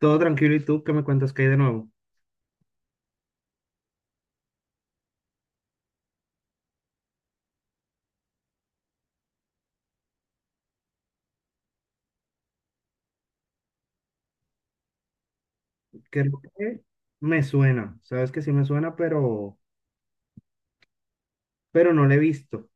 Todo tranquilo, ¿y tú qué me cuentas que hay de nuevo? Creo que me suena, sabes que sí me suena, pero no lo he visto.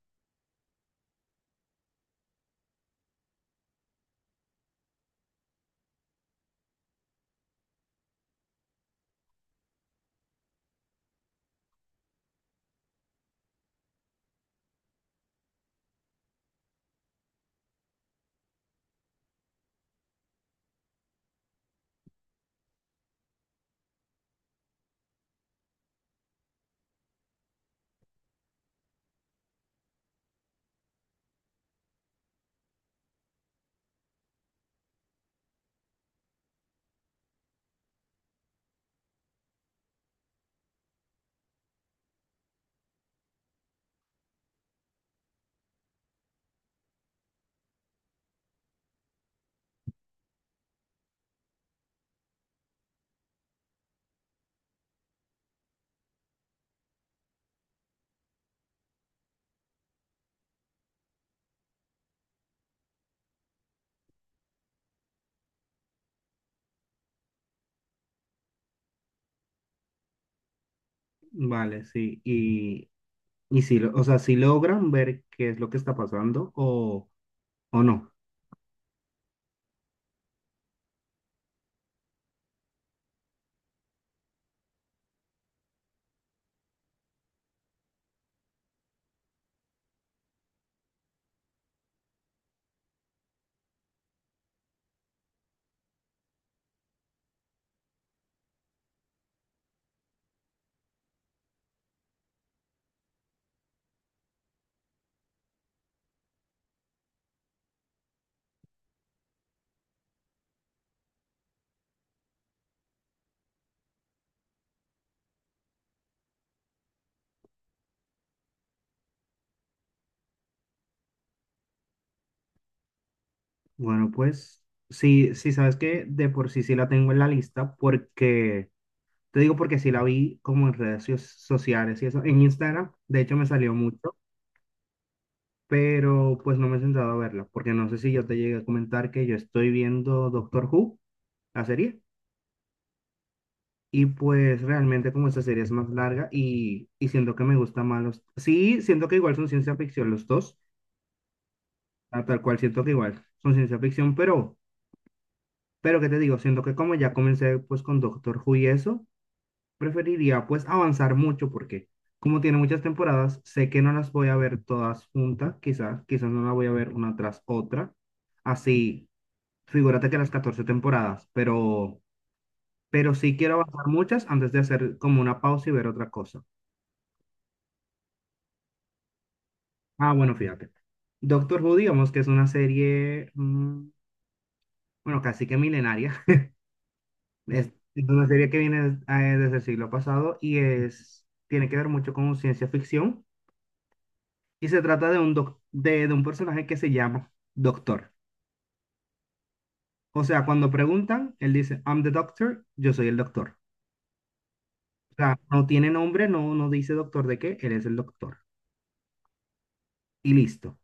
Vale, sí, y sí, o sea, si logran ver qué es lo que está pasando o no. Bueno, pues sí, sí, sabes que de por sí sí la tengo en la lista porque, te digo porque sí la vi como en redes sociales y eso, en Instagram, de hecho me salió mucho, pero pues no me he sentado a verla, porque no sé si yo te llegué a comentar que yo estoy viendo Doctor Who, la serie. Y pues realmente como esta serie es más larga y siento que me gusta más los... Sí, siento que igual son ciencia ficción los dos, a tal cual siento que igual son ciencia ficción, pero ¿qué te digo? Siento que como ya comencé pues con Doctor Who y eso, preferiría pues avanzar mucho porque como tiene muchas temporadas, sé que no las voy a ver todas juntas, quizás, quizás no las voy a ver una tras otra. Así, figúrate que las 14 temporadas, pero sí quiero avanzar muchas antes de hacer como una pausa y ver otra cosa. Ah, bueno, fíjate. Doctor Who, digamos que es una serie, bueno, casi que milenaria. Es, es una serie que viene desde el siglo pasado tiene que ver mucho con ciencia ficción. Y se trata de un personaje que se llama Doctor. O sea, cuando preguntan, él dice, I'm the doctor, yo soy el doctor. O sea, no tiene nombre, no dice doctor de qué, él es el doctor. Y listo.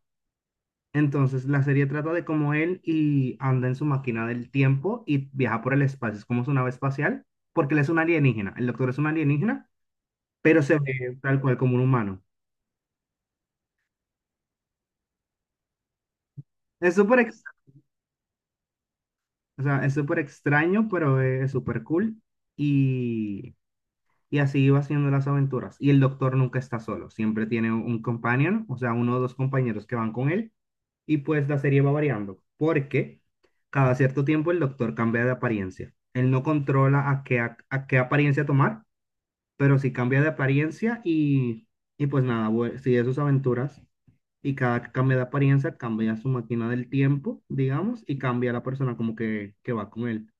Entonces, la serie trata de cómo él y anda en su máquina del tiempo y viaja por el espacio. Es como su nave espacial, porque él es un alienígena. El doctor es un alienígena, pero se ve tal cual como un humano. Es súper ex- o sea, es súper extraño, pero es súper cool. Y, y así va haciendo las aventuras. Y el doctor nunca está solo. Siempre tiene un companion, o sea, uno o dos compañeros que van con él. Y pues la serie va variando, porque cada cierto tiempo el doctor cambia de apariencia. Él no controla a qué apariencia tomar, pero sí cambia de apariencia y pues nada, sigue sus aventuras. Y cada que cambia de apariencia, cambia su máquina del tiempo, digamos, y cambia la persona como que va con él.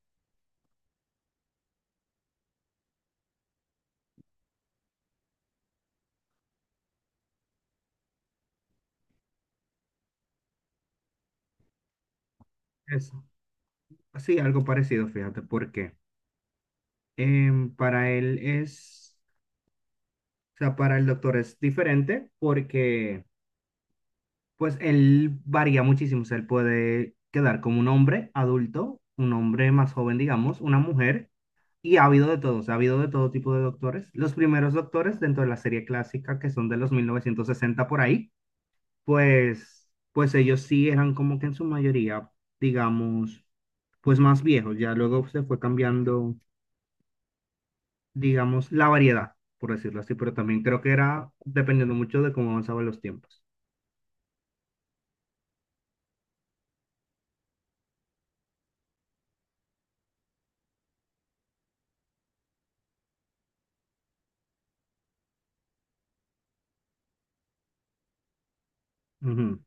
Eso. Sí, algo parecido, fíjate, porque para él es, o sea, para el doctor es diferente porque pues él varía muchísimo, o sea, él puede quedar como un hombre adulto, un hombre más joven, digamos, una mujer, y ha habido de todos, ha habido de todo tipo de doctores. Los primeros doctores dentro de la serie clásica, que son de los 1960 por ahí, pues ellos sí eran como que en su mayoría, digamos, pues más viejos, ya luego se fue cambiando, digamos, la variedad, por decirlo así, pero también creo que era dependiendo mucho de cómo avanzaban los tiempos. Ujú.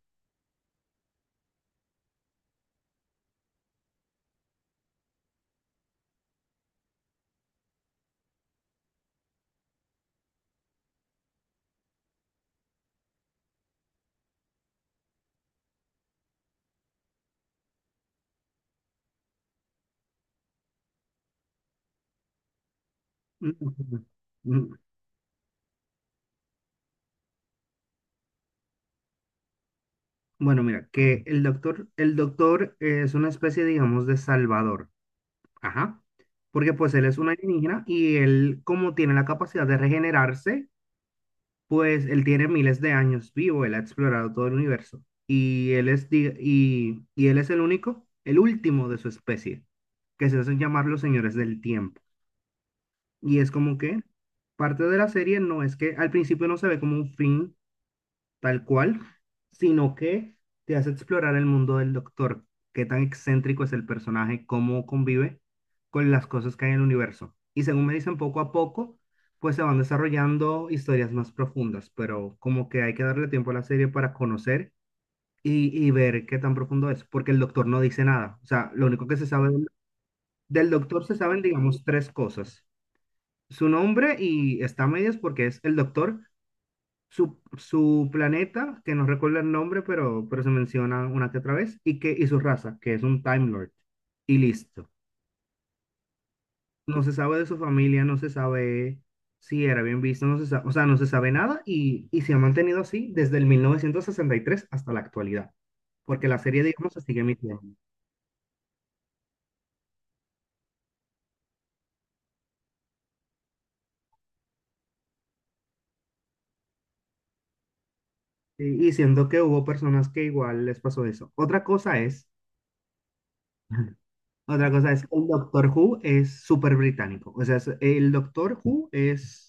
Bueno, mira, que el doctor es una especie, digamos, de salvador. Ajá. Porque pues él es un alienígena y él, como tiene la capacidad de regenerarse, pues él tiene miles de años vivo, él ha explorado todo el universo. Y él es el único, el último de su especie, que se hacen llamar los señores del tiempo. Y es como que parte de la serie no es que al principio no se ve como un fin tal cual, sino que te hace explorar el mundo del Doctor, qué tan excéntrico es el personaje, cómo convive con las cosas que hay en el universo. Y según me dicen, poco a poco, pues se van desarrollando historias más profundas, pero como que hay que darle tiempo a la serie para conocer y ver qué tan profundo es, porque el Doctor no dice nada. O sea, lo único que se sabe del Doctor se saben, digamos, tres cosas. Su nombre y está a medias porque es el Doctor, su planeta, que no recuerdo el nombre, pero se menciona una que otra vez, y su raza, que es un Time Lord. Y listo. No se sabe de su familia, no se sabe si era bien visto, no se sabe, o sea, no se sabe nada y se ha mantenido así desde el 1963 hasta la actualidad, porque la serie, digamos, se sigue emitiendo. Y siendo que hubo personas que igual les pasó eso. Otra cosa es. Otra cosa es, el Doctor Who es súper británico. O sea, el Doctor Who es.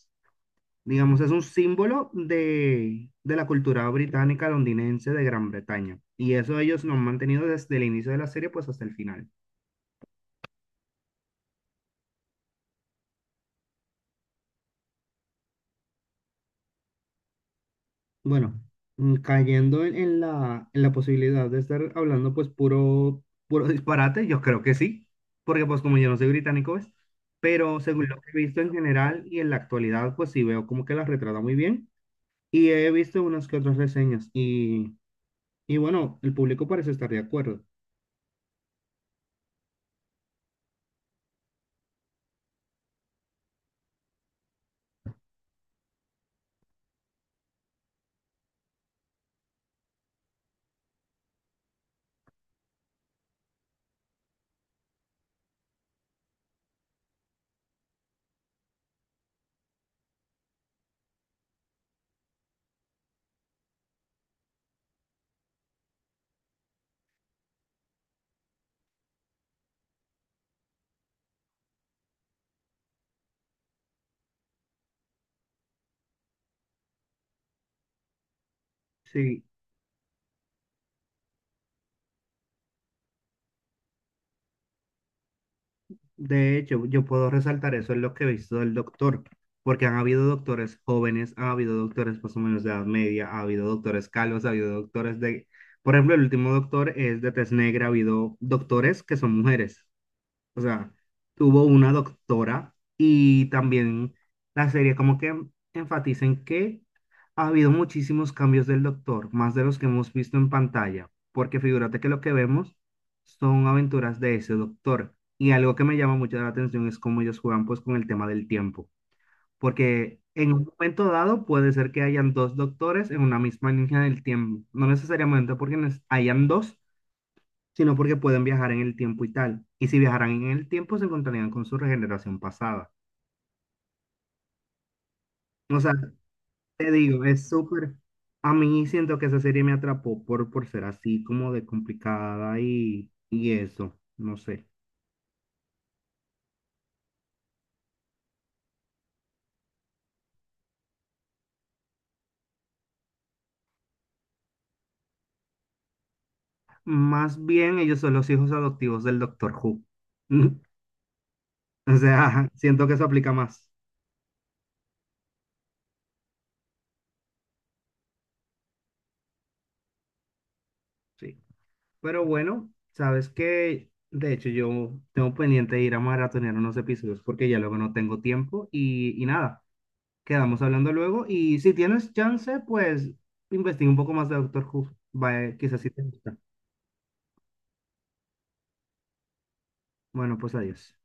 Digamos, es un símbolo de la cultura británica londinense de Gran Bretaña. Y eso ellos lo han mantenido desde el inicio de la serie, pues hasta el final. Bueno, cayendo en la posibilidad de estar hablando, pues puro, puro disparate, yo creo que sí, porque pues como yo no soy británico, ¿ves? Pero según lo que he visto en general y en la actualidad, pues sí veo como que la retrata muy bien. Y he visto unas que otras reseñas y bueno, el público parece estar de acuerdo. Sí, de hecho, yo puedo resaltar eso en lo que he visto del doctor, porque han habido doctores jóvenes, ha habido doctores más o menos de edad media, ha habido doctores calvos, ha habido doctores de, por ejemplo, el último doctor es de tez negra, ha habido doctores que son mujeres. O sea, tuvo una doctora y también la serie como que enfatiza en que ha habido muchísimos cambios del doctor, más de los que hemos visto en pantalla, porque figúrate que lo que vemos son aventuras de ese doctor. Y algo que me llama mucho la atención es cómo ellos juegan pues con el tema del tiempo, porque en un momento dado puede ser que hayan dos doctores en una misma línea del tiempo, no necesariamente porque hayan dos, sino porque pueden viajar en el tiempo y tal. Y si viajaran en el tiempo, se encontrarían con su regeneración pasada. O sea, te digo, es súper. A mí siento que esa serie me atrapó por ser así como de complicada y eso, no sé. Más bien ellos son los hijos adoptivos del Doctor Who. O sea, siento que eso aplica más. Sí. Pero bueno, sabes que, de hecho, yo tengo pendiente de ir a maratonear unos episodios porque ya luego no tengo tiempo y nada. Quedamos hablando luego y si tienes chance, pues investiga un poco más de Doctor Who. Vaya, quizás sí te gusta. Bueno, pues adiós.